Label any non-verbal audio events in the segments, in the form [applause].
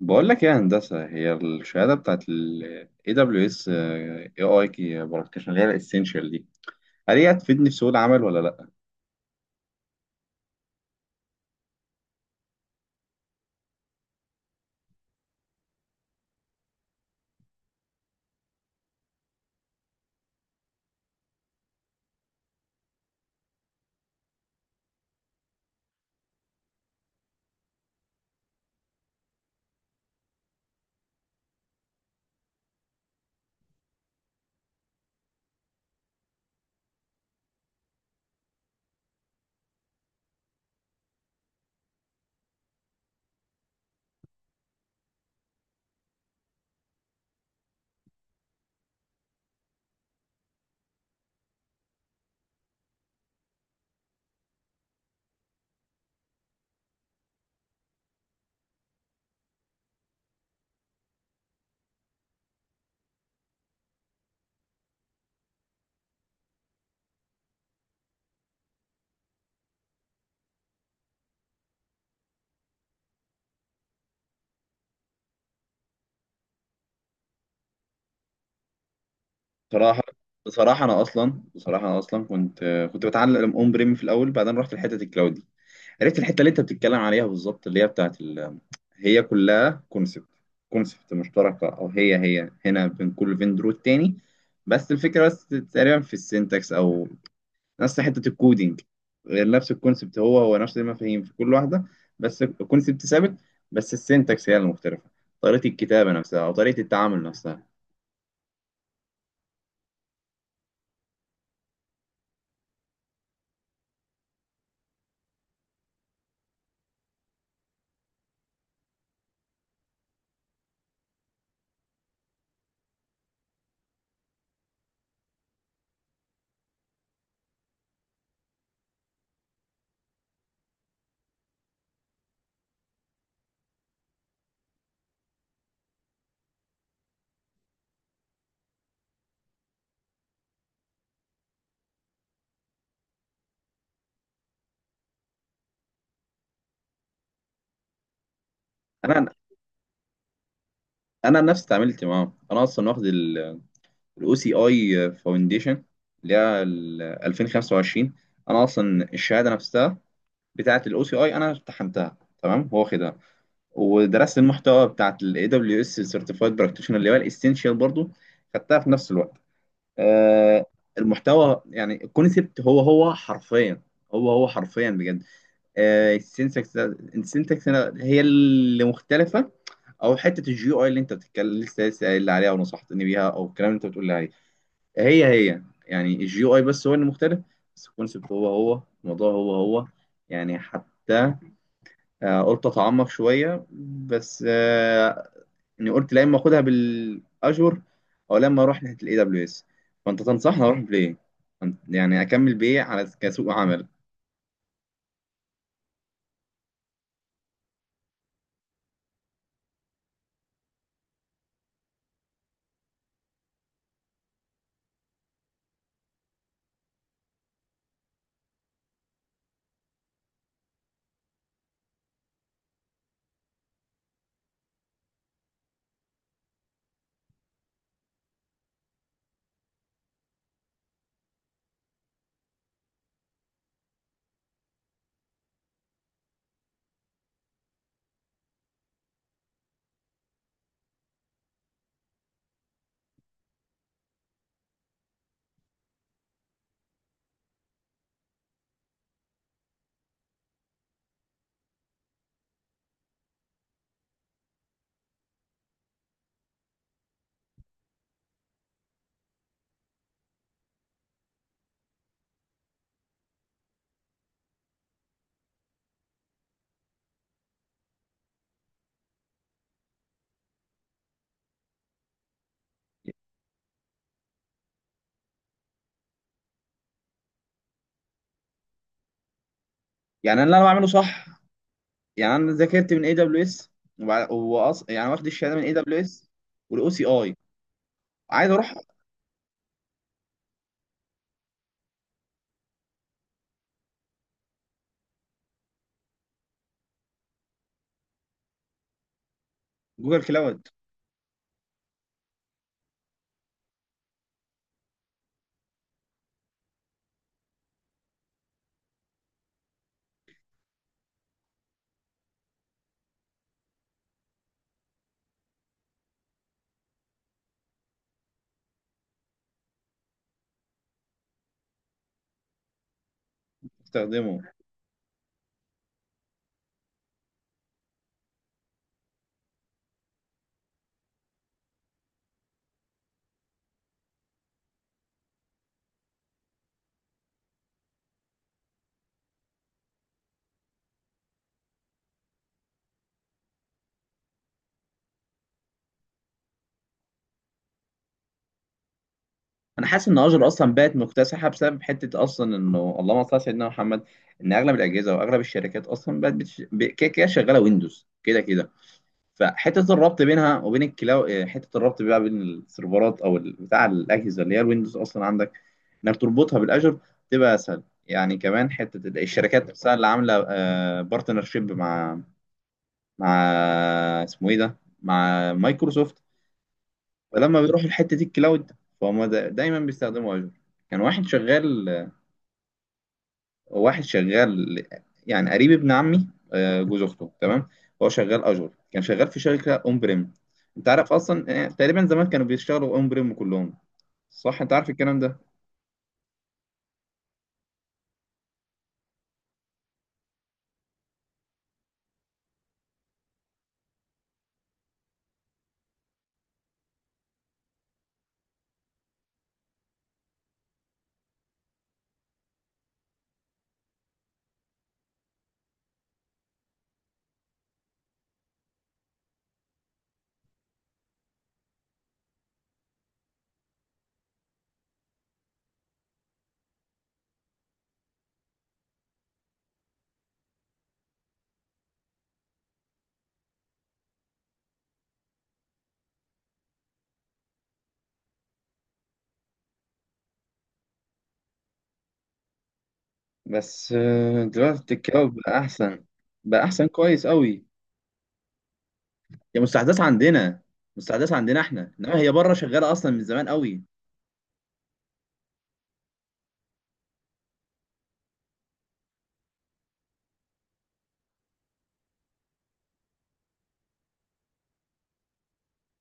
بقول لك إيه يا هندسة، هي الشهادة بتاعت ال AWS AI Broadcast اللي هي الاسينشال دي هل هي هتفيدني في سوق العمل ولا لأ؟ بصراحة بصراحة أنا أصلا كنت، كنت بتعلم أون بريم في الأول، بعدين رحت لحتة الكلاود دي. عرفت الحتة اللي أنت بتتكلم عليها بالظبط اللي هي بتاعت ال. هي كلها كونسبت مشتركة، أو هي هنا بين كل فيندور والتاني. بس الفكرة بس تقريبا في السينتاكس أو نفس حته الكودينج. نفس الكونسبت، هو هو نفس المفاهيم في كل واحده. بس الكونسبت ثابت، بس السنتكس هي المختلفه، طريقه الكتابه نفسها او طريقه التعامل نفسها. انا انا نفسي اتعاملت معاهم، انا اصلا واخد الاو سي اي فاونديشن اللي هي ال 2025. انا اصلا الشهاده نفسها بتاعه الاو سي اي انا امتحنتها تمام، هو واخدها. ودرست المحتوى بتاعه الاي دبليو اس سيرتيفايد براكتيشنر اللي هو الاسينشال برضو، خدتها في نفس الوقت. آه، المحتوى يعني الكونسيبت هو هو حرفيا، هو هو حرفيا بجد. السينتاكس، السينتاكس هي اللي مختلفه. او حته الجيو اي اللي انت بتتكلم لسه قايل لي عليها ونصحتني بيها، او الكلام اللي انت بتقول لي عليه، هي هي يعني الجيو اي بس هو اللي مختلف، بس الكونسيبت هو هو، الموضوع هو هو. يعني حتى، قلت اتعمق شويه بس، اني قلت لا، اما اخدها بالاشور او لما اروح ناحيه الاي دبليو اس. فانت تنصحني اروح بايه؟ يعني اكمل بايه على كسوق عمل؟ يعني انا اللي انا بعمله صح؟ يعني انا ذاكرت من اي دبليو اس، يعني واخد الشهاده من اي دبليو اس والاو سي اي. عايز اروح جوجل كلاود استخدمه. انا حاسس ان اجر اصلا بقت مكتسحه بسبب حته اصلا انه، اللهم صل على سيدنا محمد، ان اغلب الاجهزه واغلب الشركات اصلا بقت كده كده شغاله ويندوز كده كده. فحته الربط بينها وبين الكلاو، حته الربط بقى بين السيرفرات او بتاع الاجهزه اللي هي الويندوز اصلا عندك، انك تربطها بالاجر تبقى اسهل. يعني كمان حته الشركات نفسها اللي عامله بارتنرشيب مع، مع، اسمه ايه ده، مع مايكروسوفت. فلما بيروحوا لحته الكلاود فهم دايما بيستخدموا اجر. كان واحد شغال، واحد شغال، يعني قريب ابن عمي، جوز اخته تمام، هو شغال اجور، كان شغال في شركه اون بريم. انت عارف اصلا، تقريبا زمان كانوا بيشتغلوا اون بريم كلهم، صح؟ انت عارف الكلام ده؟ بس، دلوقتي الكلاود بقى احسن، بقى احسن كويس قوي. هي مستحدث عندنا، مستحدث عندنا احنا، انما هي بره شغاله اصلا من زمان قوي.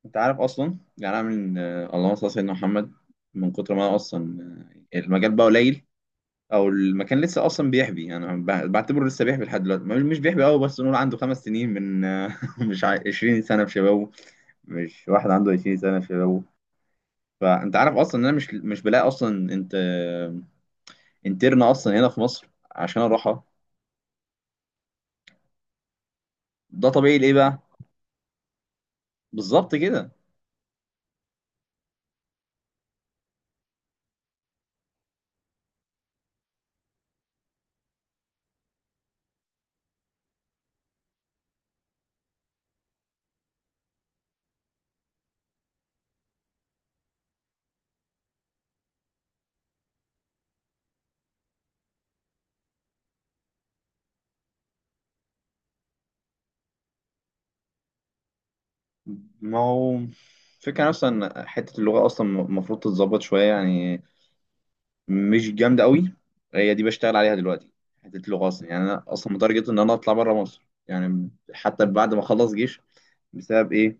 انت عارف اصلا، يعني انا من، اللهم صل على سيدنا محمد، من كتر ما انا اصلا، المجال بقى قليل، او المكان لسه اصلا بيحبي. يعني انا بعتبره لسه بيحبي لحد دلوقتي، مش بيحبي قوي، بس نقول عنده خمس سنين من [laughs] مش ع- 20 سنه في شبابه، مش واحد عنده 20 سنه في شبابه. فانت عارف اصلا ان انا مش بلاقي اصلا انت، انترن اصلا هنا في مصر عشان اروحها. ده طبيعي ليه بقى؟ بالظبط كده. ما هو فكرة نفسها ان حتة اللغة اصلا المفروض تتظبط شوية، يعني مش جامده قوي، هي دي بشتغل عليها دلوقتي. حته اللغه اصلا، يعني انا اصلا متارجت ان انا اطلع بره مصر يعني، حتى بعد ما اخلص جيش. بسبب ايه؟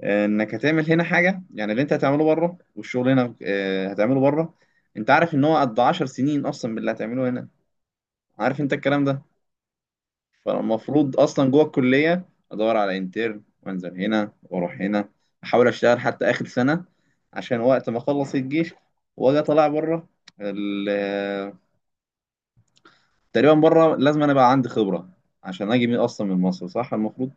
انك هتعمل هنا حاجه يعني اللي انت هتعمله بره، والشغل هنا هتعمله بره. انت عارف ان هو قد 10 سنين اصلا باللي هتعمله هنا؟ عارف انت الكلام ده؟ فالمفروض اصلا جوه الكليه ادور على انترن وانزل هنا واروح هنا، احاول اشتغل حتى اخر سنه، عشان وقت ما اخلص الجيش واجي اطلع بره. تقريبا بره لازم انا بقى عندي خبره عشان اجي من اصلا من مصر، صح؟ المفروض.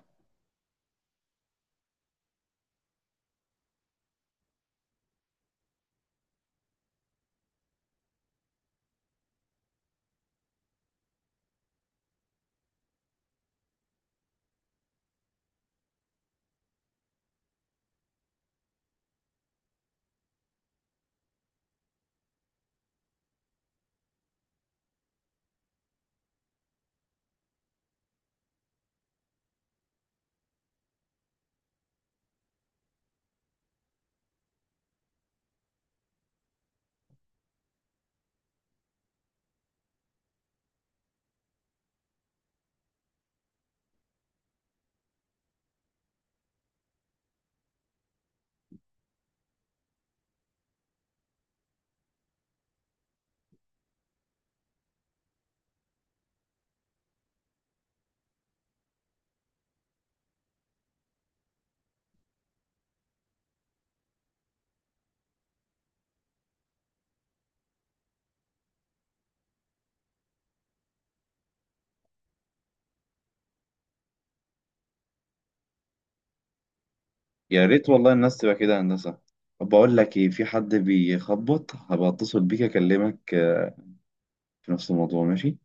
يا ريت والله الناس تبقى كده هندسه. طب بقول لك ايه، في حد بيخبط، هبقى اتصل بيك اكلمك، في نفس الموضوع، ماشي؟